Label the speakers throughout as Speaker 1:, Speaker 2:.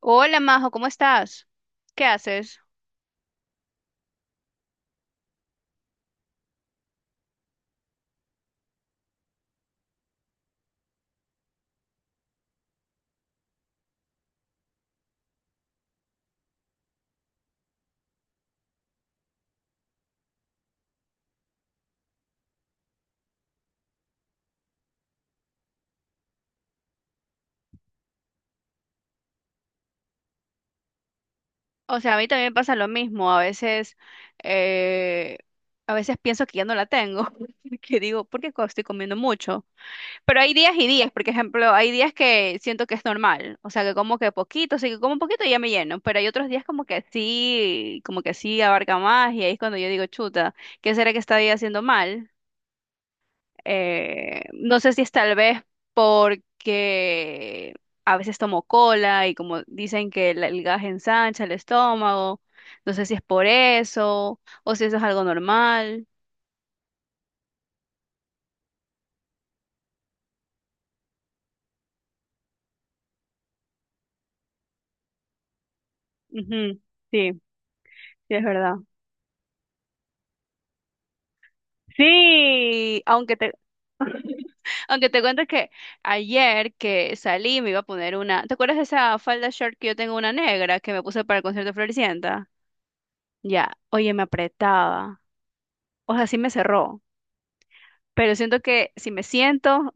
Speaker 1: Hola Majo, ¿cómo estás? ¿Qué haces? O sea, a mí también me pasa lo mismo. Eh, a veces pienso que ya no la tengo, que digo, ¿por qué estoy comiendo mucho? Pero hay días y días, por ejemplo, hay días que siento que es normal, o sea, que como que poquito, o sea, que como un poquito y ya me lleno, pero hay otros días como que sí abarca más y ahí es cuando yo digo, chuta, ¿qué será que estoy haciendo mal? No sé si es tal vez porque a veces tomo cola y como dicen que el gas ensancha el estómago, no sé si es por eso o si eso es algo normal. Ujú. Sí, sí es verdad. Sí, aunque te, aunque te cuento que ayer que salí me iba a poner una, ¿te acuerdas de esa falda short que yo tengo una negra que me puse para el concierto de Floricienta? Ya, oye, me apretaba. O sea, sí me cerró. Pero siento que si me siento,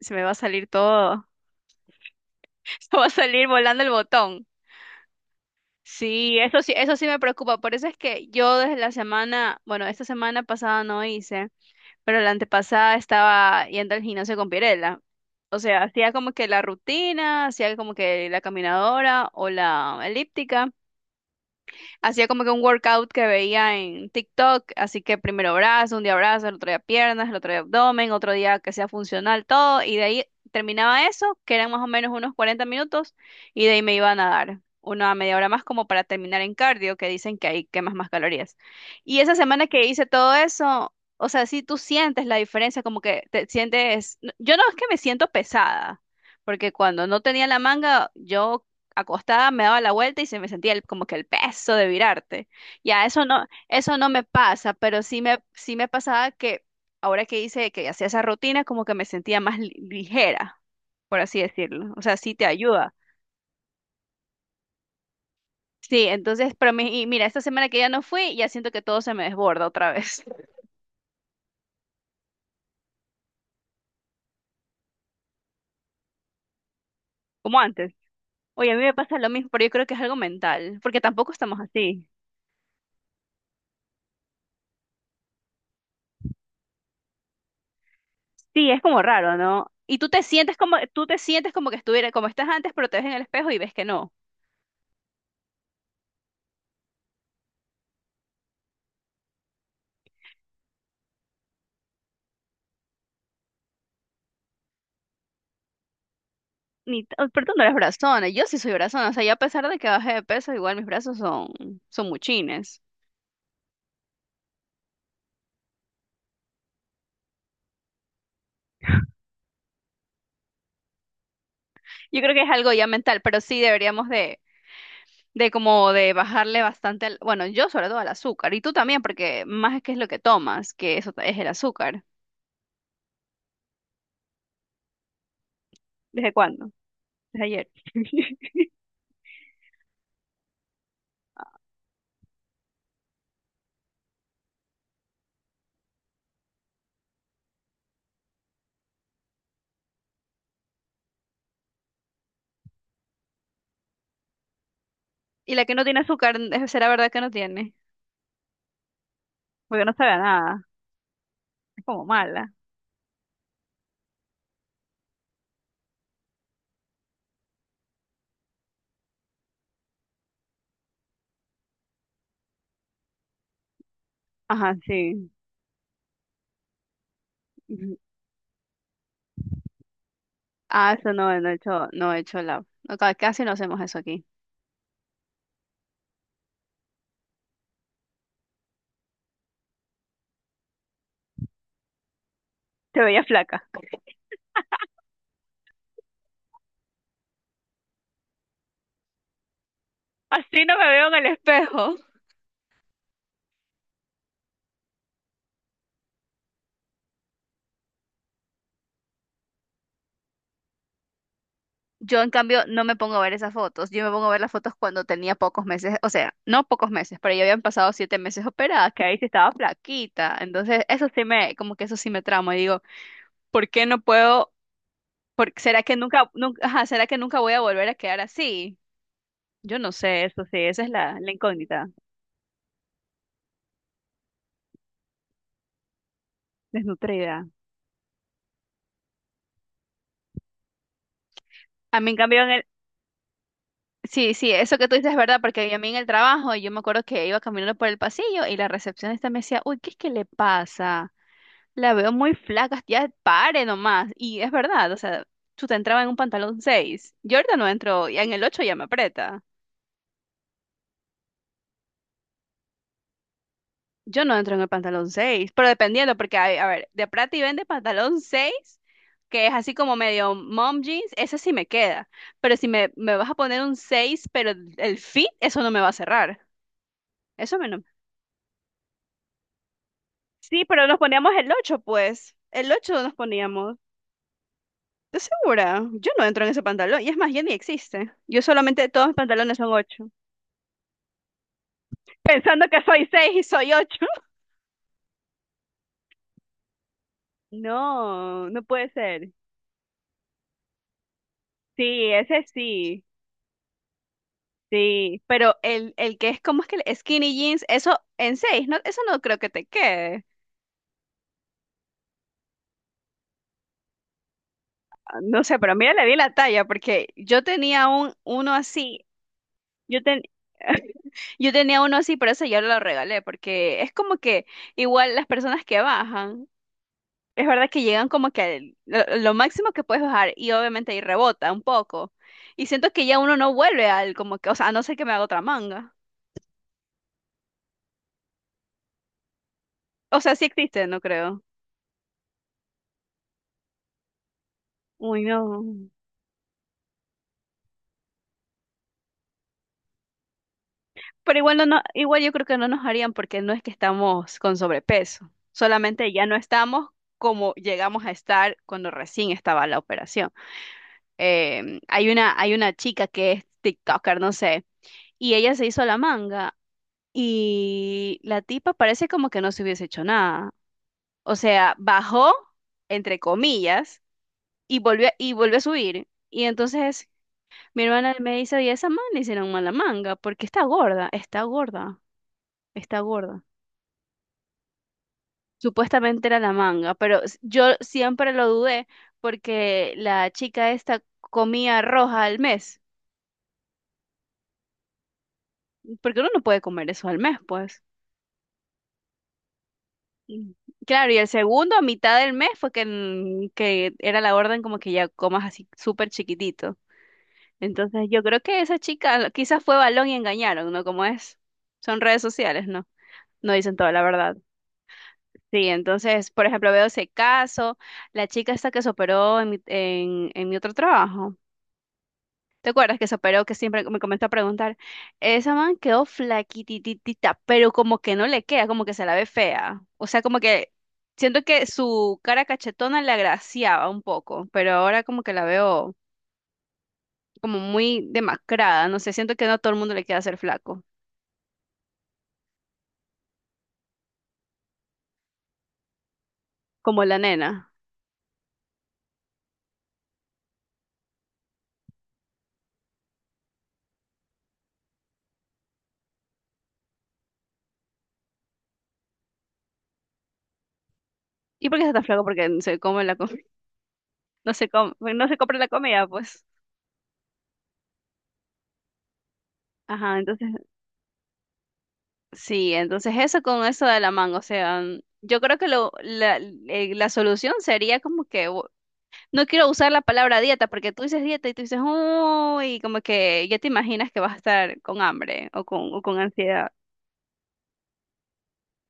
Speaker 1: se me va a salir todo. Se va a salir volando el botón. Sí, eso sí, eso sí me preocupa. Por eso es que yo desde la semana, bueno, esta semana pasada no hice, pero la antepasada estaba yendo al gimnasio con Pirela. O sea, hacía como que la rutina, hacía como que la caminadora o la elíptica. Hacía como que un workout que veía en TikTok, así que primero brazo, un día brazo, el otro día piernas, el otro día abdomen, otro día que sea funcional, todo, y de ahí terminaba eso, que eran más o menos unos 40 minutos, y de ahí me iba a nadar. Una media hora más como para terminar en cardio, que dicen que ahí quemas más calorías. Y esa semana que hice todo eso, o sea, sí tú sientes la diferencia, como que te sientes, no, yo no es que me siento pesada, porque cuando no tenía la manga, yo acostada, me daba la vuelta y se me sentía como que el peso de virarte. Ya, eso no me pasa, pero sí me pasaba que ahora que hice, que hacía esa rutina, como que me sentía más ligera, por así decirlo. O sea, sí te ayuda. Sí, entonces, pero y mira, esta semana que ya no fui, ya siento que todo se me desborda otra vez, como antes. Oye, a mí me pasa lo mismo, pero yo creo que es algo mental, porque tampoco estamos así. Sí, es como raro, ¿no? Y tú te sientes como, tú te sientes como que estuviera, como estás antes, pero te ves en el espejo y ves que no. Ni, oh, perdón, no eres brazona, yo sí soy brazona, o sea, yo a pesar de que bajé de peso, igual mis brazos son, son muchines. Yo creo que es algo ya mental, pero sí deberíamos de como de bajarle bastante, al- bueno, yo sobre todo al azúcar, y tú también, porque más es que es lo que tomas, que eso es el azúcar. ¿Desde cuándo? Desde ayer. Y la que no tiene azúcar, será verdad que no tiene, porque no sabe a nada, es como mala. Ajá, sí. Ujú. Ah, eso no, no he hecho, no he hecho la, no, casi no hacemos eso aquí. Te veía flaca. Así no me veo en el espejo. Yo, en cambio, no me pongo a ver esas fotos. Yo me pongo a ver las fotos cuando tenía pocos meses, o sea, no pocos meses, pero ya habían pasado 7 meses operada, que ahí sí estaba flaquita. Entonces, eso sí me, como que eso sí me tramo. Y digo, ¿por qué no puedo? ¿Será que nunca, nunca, ajá, será que nunca voy a volver a quedar así? Yo no sé, eso sí, esa es la, la incógnita, desnutrida. A mí, en cambio, en el, sí, sí, eso que tú dices es verdad, porque a mí en el trabajo, yo me acuerdo que iba caminando por el pasillo y la recepcionista me decía, uy, ¿qué es que le pasa? La veo muy flaca, ya pare nomás. Y es verdad, o sea, chuta, entraba en un pantalón seis. Yo ahorita no entro, ya en el 8 ya me aprieta. Yo no entro en el pantalón 6, pero dependiendo, porque, a ver, de Prati vende pantalón 6 que es así como medio mom jeans, ese sí me queda. Pero si me, me vas a poner un 6, pero el fit, eso no me va a cerrar. Eso me no. Sí, pero nos poníamos el 8, pues. El 8 nos poníamos. ¿Estás segura? Yo no entro en ese pantalón. Y es más, ya ni existe. Yo solamente, todos mis pantalones son 8. Pensando que soy seis y soy ocho. No, no puede ser. Sí, ese sí, sí. Pero el que es como es que el skinny jeans, eso en seis, no, eso no creo que te quede. Ah, no sé, pero mira, le vi la talla, porque yo tenía un, uno así. Yo, ten, yo tenía uno así, pero ese yo lo regalé, porque es como que igual las personas que bajan. Es verdad que llegan como que lo máximo que puedes bajar y obviamente ahí rebota un poco. Y siento que ya uno no vuelve al como que, o sea, a no ser que me haga otra manga. O sea, sí existe, no creo. Uy, no. Pero igual no, igual yo creo que no nos harían porque no es que estamos con sobrepeso. Solamente ya no estamos como llegamos a estar cuando recién estaba la operación. Hay una, hay una chica que es TikToker, no sé, y ella se hizo la manga. Y la tipa parece como que no se hubiese hecho nada. O sea, bajó, entre comillas, y volvió a subir. Y entonces mi hermana me dice, y esa man le hicieron mala manga, porque está gorda, está gorda, está gorda. Supuestamente era la manga, pero yo siempre lo dudé porque la chica esta comía roja al mes, porque uno no puede comer eso al mes, pues. Mm. Claro, y el segundo, a mitad del mes, fue que, mm, que era la orden como que ya comas así súper chiquitito. Entonces yo creo que esa chica quizás fue balón y engañaron, ¿no? Como es, son redes sociales, ¿no? No dicen toda la verdad. Sí, entonces, por ejemplo, veo ese caso, la chica esta que se operó en mi otro trabajo. ¿Te acuerdas que se operó, que siempre me comenzó a preguntar? Esa man quedó flaquititita, pero como que no le queda, como que se la ve fea. O sea, como que siento que su cara cachetona le agraciaba un poco, pero ahora como que la veo como muy demacrada, no sé, siento que no a todo el mundo le queda ser flaco. Como la nena. ¿Y por qué está tan flaco? Porque no se come la com- no se come, no se compra la comida, pues. Ajá, entonces, sí, entonces eso con eso de la manga, o sea, mm, yo creo que la solución sería como que, no quiero usar la palabra dieta, porque tú dices dieta y tú dices, uy, como que ya te imaginas que vas a estar con hambre o con ansiedad.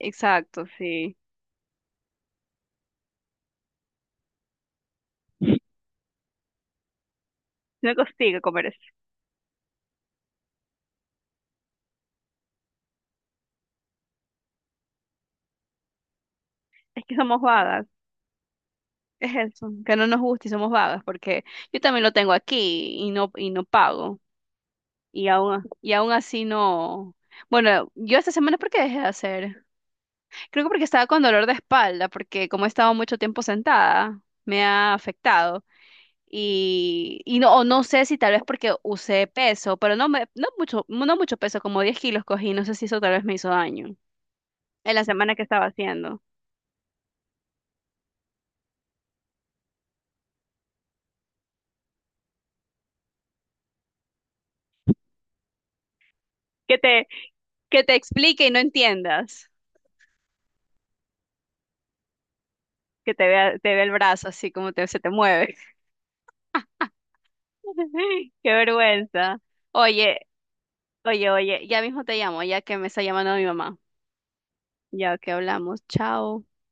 Speaker 1: Exacto, sí. No consigo comer eso. Es que somos vagas, es eso, que no nos gusta y somos vagas, porque yo también lo tengo aquí y no pago. Y aún así no. Bueno, yo esta semana, ¿por qué dejé de hacer? Creo que porque estaba con dolor de espalda, porque como he estado mucho tiempo sentada, me ha afectado. Y no, o no sé si tal vez porque usé peso, pero no, me, no mucho, no mucho peso, como 10 kilos cogí, no sé si eso tal vez me hizo daño en la semana que estaba haciendo. Que te, que te explique y no entiendas, que te vea el brazo así como te, se te mueve. Qué vergüenza. Oye, oye, oye, ya mismo te llamo, ya que me está llamando mi mamá. Ya que hablamos, chao.